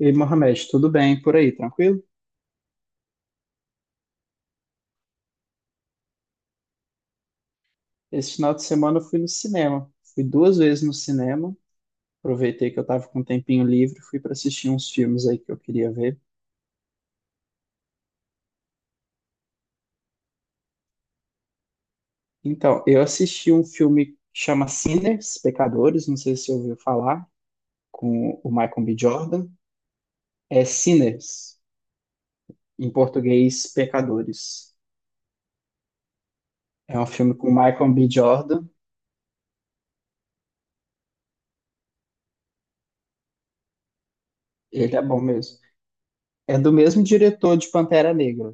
E Mohamed, tudo bem por aí, tranquilo? Esse final de semana eu fui no cinema. Fui duas vezes no cinema. Aproveitei que eu estava com um tempinho livre, fui para assistir uns filmes aí que eu queria ver. Então, eu assisti um filme que chama Sinners, Pecadores, não sei se você ouviu falar, com o Michael B. Jordan. É Sinners, em português, Pecadores. É um filme com o Michael B. Jordan, ele é bom mesmo. É do mesmo diretor de Pantera Negra.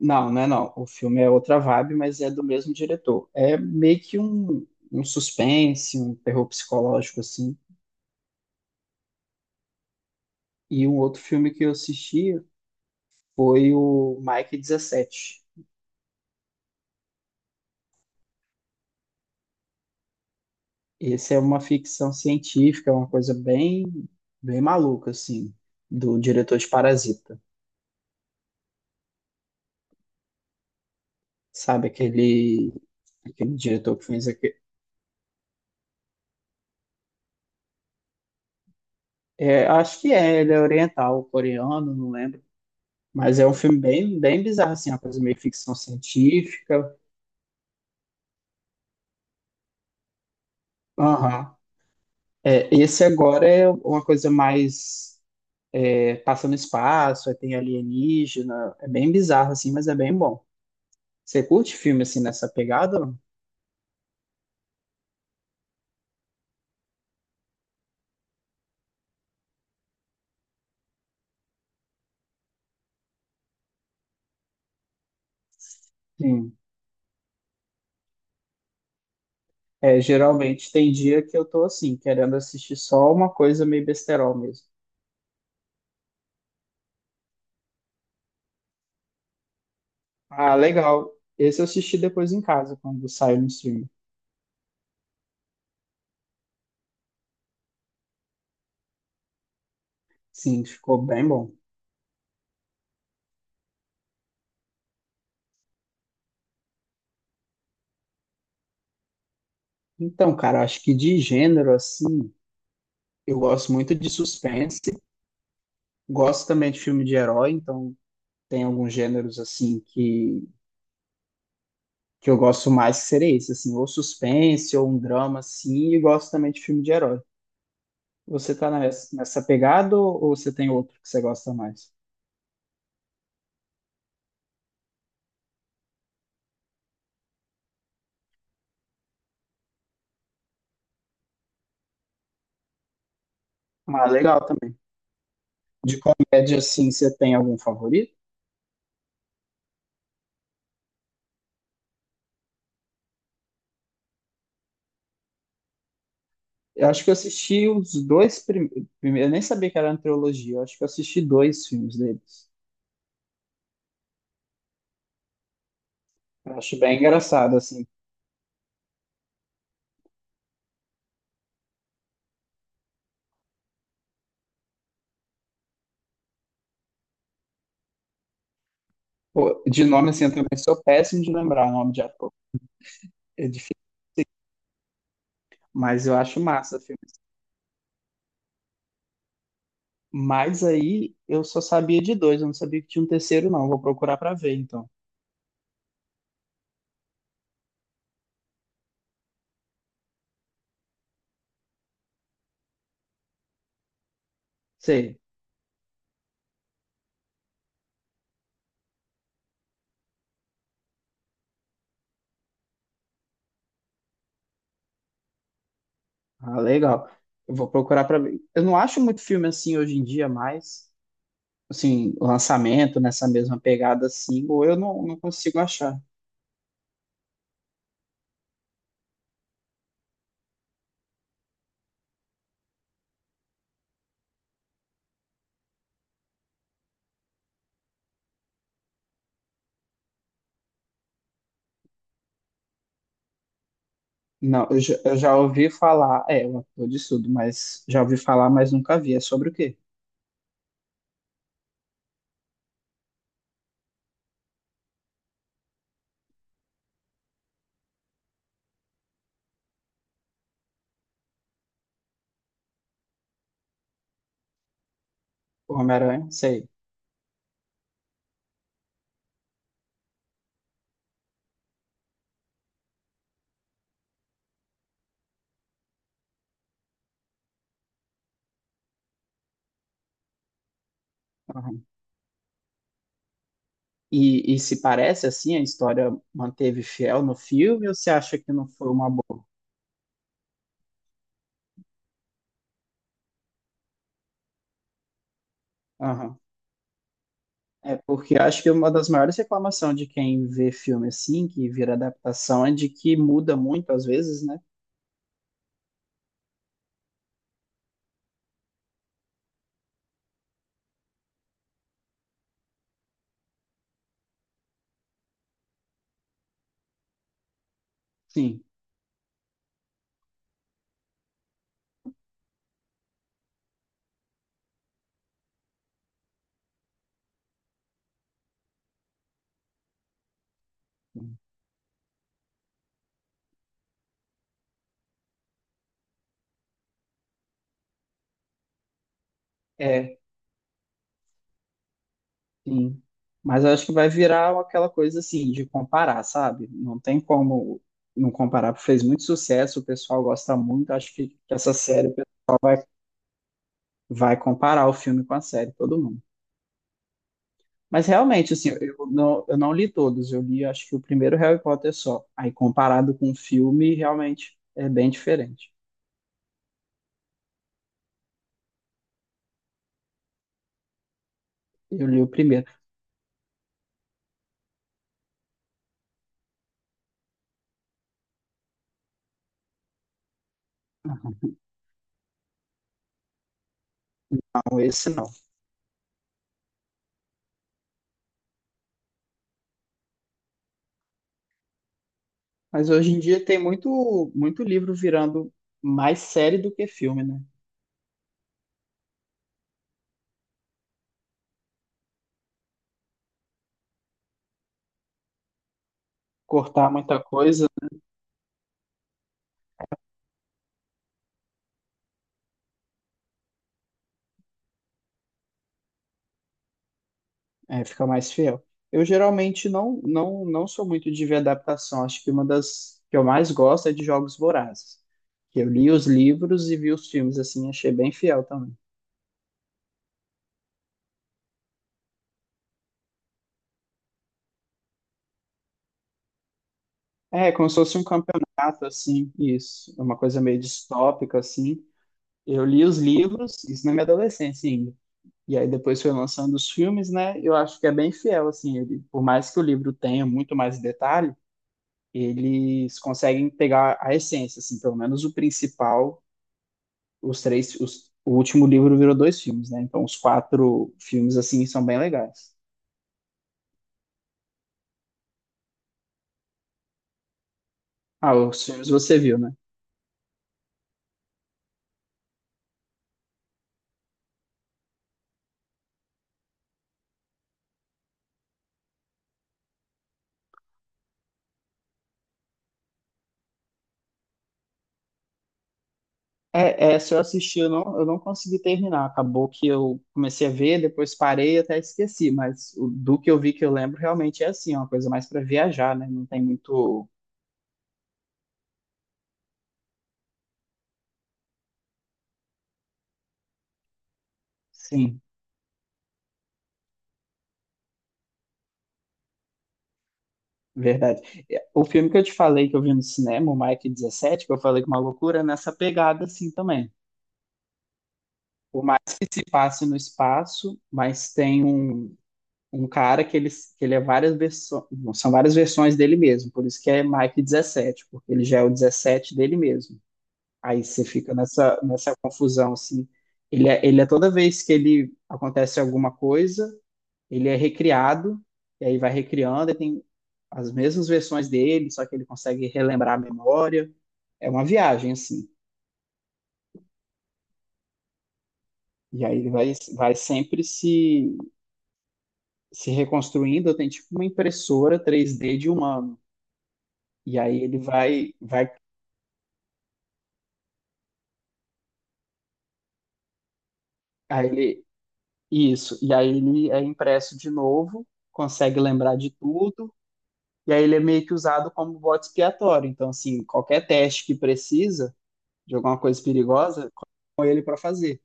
Não, não é não. O filme é outra vibe, mas é do mesmo diretor. É meio que um suspense, um terror psicológico, assim. E um outro filme que eu assisti foi o Mike 17. Esse é uma ficção científica, é uma coisa bem, bem maluca, assim, do diretor de Parasita. Sabe aquele diretor que fez aquele... É, acho que é, ele é oriental, coreano, não lembro. Mas é um filme bem, bem bizarro, assim, uma coisa meio ficção científica. Aham. É, esse agora é uma coisa mais é, passa no espaço, aí tem alienígena, é bem bizarro assim, mas é bem bom. Você curte filme assim nessa pegada? Sim. É, geralmente tem dia que eu tô assim, querendo assistir só uma coisa meio besterol mesmo. Ah, legal. Esse eu assisti depois em casa, quando saiu no stream. Sim, ficou bem bom. Então, cara, acho que de gênero assim, eu gosto muito de suspense, gosto também de filme de herói, então tem alguns gêneros assim que eu gosto mais que seria esse, assim, ou suspense, ou um drama, assim, e gosto também de filme de herói. Você tá nessa pegada ou você tem outro que você gosta mais? Ah, legal também. De comédia, assim, você tem algum favorito? Eu acho que eu assisti os dois primeiros, eu nem sabia que era uma trilogia, eu acho que eu assisti dois filmes deles. Eu acho bem engraçado, assim. Pô, de nome, assim, eu também sou péssimo de lembrar o nome de ator, é difícil, mas eu acho massa o filme. Mas aí eu só sabia de dois, eu não sabia que tinha um terceiro, não. Vou procurar pra ver, então. Sei. Ah, legal. Eu vou procurar pra ver. Eu não acho muito filme assim hoje em dia, mas, assim, lançamento nessa mesma pegada assim, ou eu não, não consigo achar. Não, eu já ouvi falar, é, o ator de tudo. Mas já ouvi falar, mas nunca vi. É sobre o quê? O Homem-Aranha? Sei. Aham. E se parece assim, a história manteve fiel no filme, ou você acha que não foi uma boa? Aham. É, porque acho que uma das maiores reclamações de quem vê filme assim, que vira adaptação, é de que muda muito às vezes, né? Sim, é, sim. Mas acho que vai virar aquela coisa assim, de comparar, sabe? Não tem como não comparar, porque fez muito sucesso, o pessoal gosta muito, acho que essa série vai comparar o filme com a série, todo mundo. Mas realmente, assim, eu não li todos, eu li acho que o primeiro Harry Potter só. Aí comparado com o filme, realmente é bem diferente. Eu li o primeiro, não esse não. Mas hoje em dia tem muito, muito livro virando mais série do que filme, né? Cortar muita coisa, é, fica mais fiel. Eu geralmente não sou muito de ver adaptação. Acho que uma das que eu mais gosto é de Jogos Vorazes. Que eu li os livros e vi os filmes, assim, achei bem fiel também. É, como se fosse um campeonato, assim, isso. É uma coisa meio distópica, assim. Eu li os livros, isso na minha adolescência ainda. E aí depois foi lançando os filmes, né? Eu acho que é bem fiel, assim, ele, por mais que o livro tenha muito mais detalhe, eles conseguem pegar a essência, assim, pelo menos o principal, os três, o último livro virou dois filmes, né? Então os quatro filmes, assim, são bem legais. Ah, os filmes você viu, né? É, se eu assisti, eu não consegui terminar. Acabou que eu comecei a ver, depois parei e até esqueci. Mas do que eu vi que eu lembro realmente é assim, é uma coisa mais para viajar, né? Não tem muito. Sim. Verdade. É, o filme que eu te falei que eu vi no cinema, o Mike 17 que eu falei que é uma loucura, é nessa pegada assim também. Por mais que passe no espaço, mas tem um cara que ele, é várias versões, são várias versões dele mesmo, por isso que é Mike 17 porque ele já é o 17 dele mesmo. Aí você fica nessa confusão assim. Ele é toda vez que ele acontece alguma coisa, ele é recriado, e aí vai recriando, e tem as mesmas versões dele, só que ele consegue relembrar a memória. É uma viagem, assim. E aí ele vai sempre se reconstruindo. Tem tipo uma impressora 3D de humano. E aí ele vai, aí ele, isso. E aí ele é impresso de novo, consegue lembrar de tudo. E aí ele é meio que usado como bode expiatório. Então, assim, qualquer teste que precisa de alguma coisa perigosa, com ele para fazer.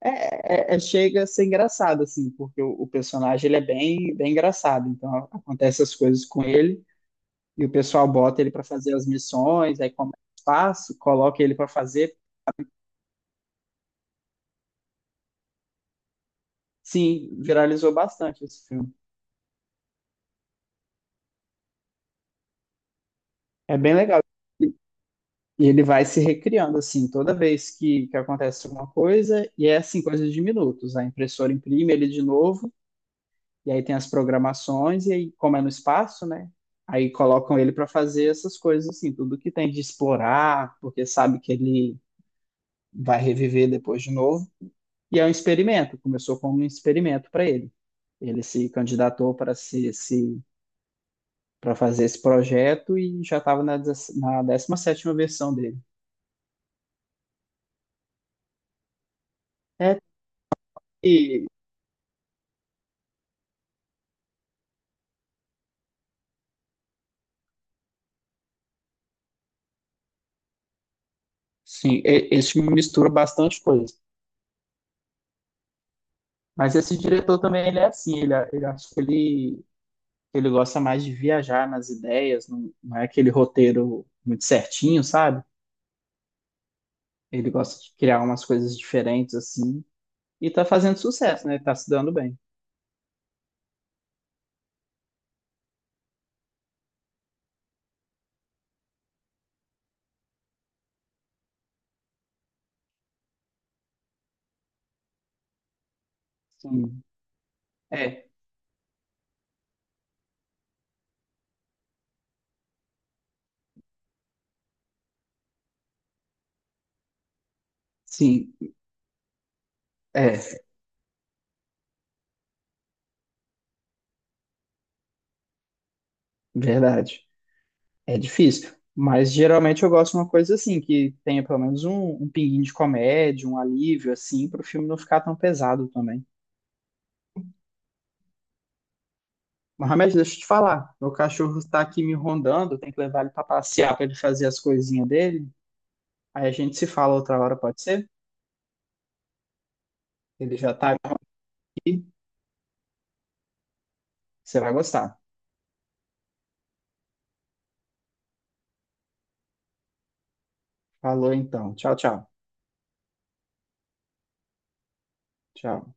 É, chega a ser engraçado, assim, porque o personagem ele é bem, bem engraçado. Então acontece as coisas com ele e o pessoal bota ele para fazer as missões, aí começa o espaço, coloca ele para fazer. Sim, viralizou bastante esse filme. É bem legal. E e ele vai se recriando, assim, toda vez que acontece alguma coisa, e é assim, coisa de minutos. A impressora imprime ele de novo. E aí tem as programações, e aí, como é no espaço, né? Aí colocam ele para fazer essas coisas, assim, tudo que tem de explorar, porque sabe que ele vai reviver depois de novo. E é um experimento, começou como um experimento para ele. Ele se candidatou para se para fazer esse projeto e já estava na 17ª versão dele. É, e, sim, esse filme mistura bastante coisa. Mas esse diretor também, ele é assim, ele, ele acho que ele gosta mais de viajar nas ideias, não, não é aquele roteiro muito certinho, sabe? Ele gosta de criar umas coisas diferentes assim e tá fazendo sucesso, né? Tá se dando bem. Sim. É, sim, é, verdade. É difícil. Mas geralmente eu gosto de uma coisa assim, que tenha pelo menos um pinguinho de comédia, um alívio, assim, para o filme não ficar tão pesado também. Mohamed, deixa eu te falar. Meu cachorro está aqui me rondando, tem que levar ele para passear para ele fazer as coisinhas dele. Aí a gente se fala outra hora, pode ser? Ele já tá aqui, você vai gostar. Falou então. Tchau, tchau. Tchau.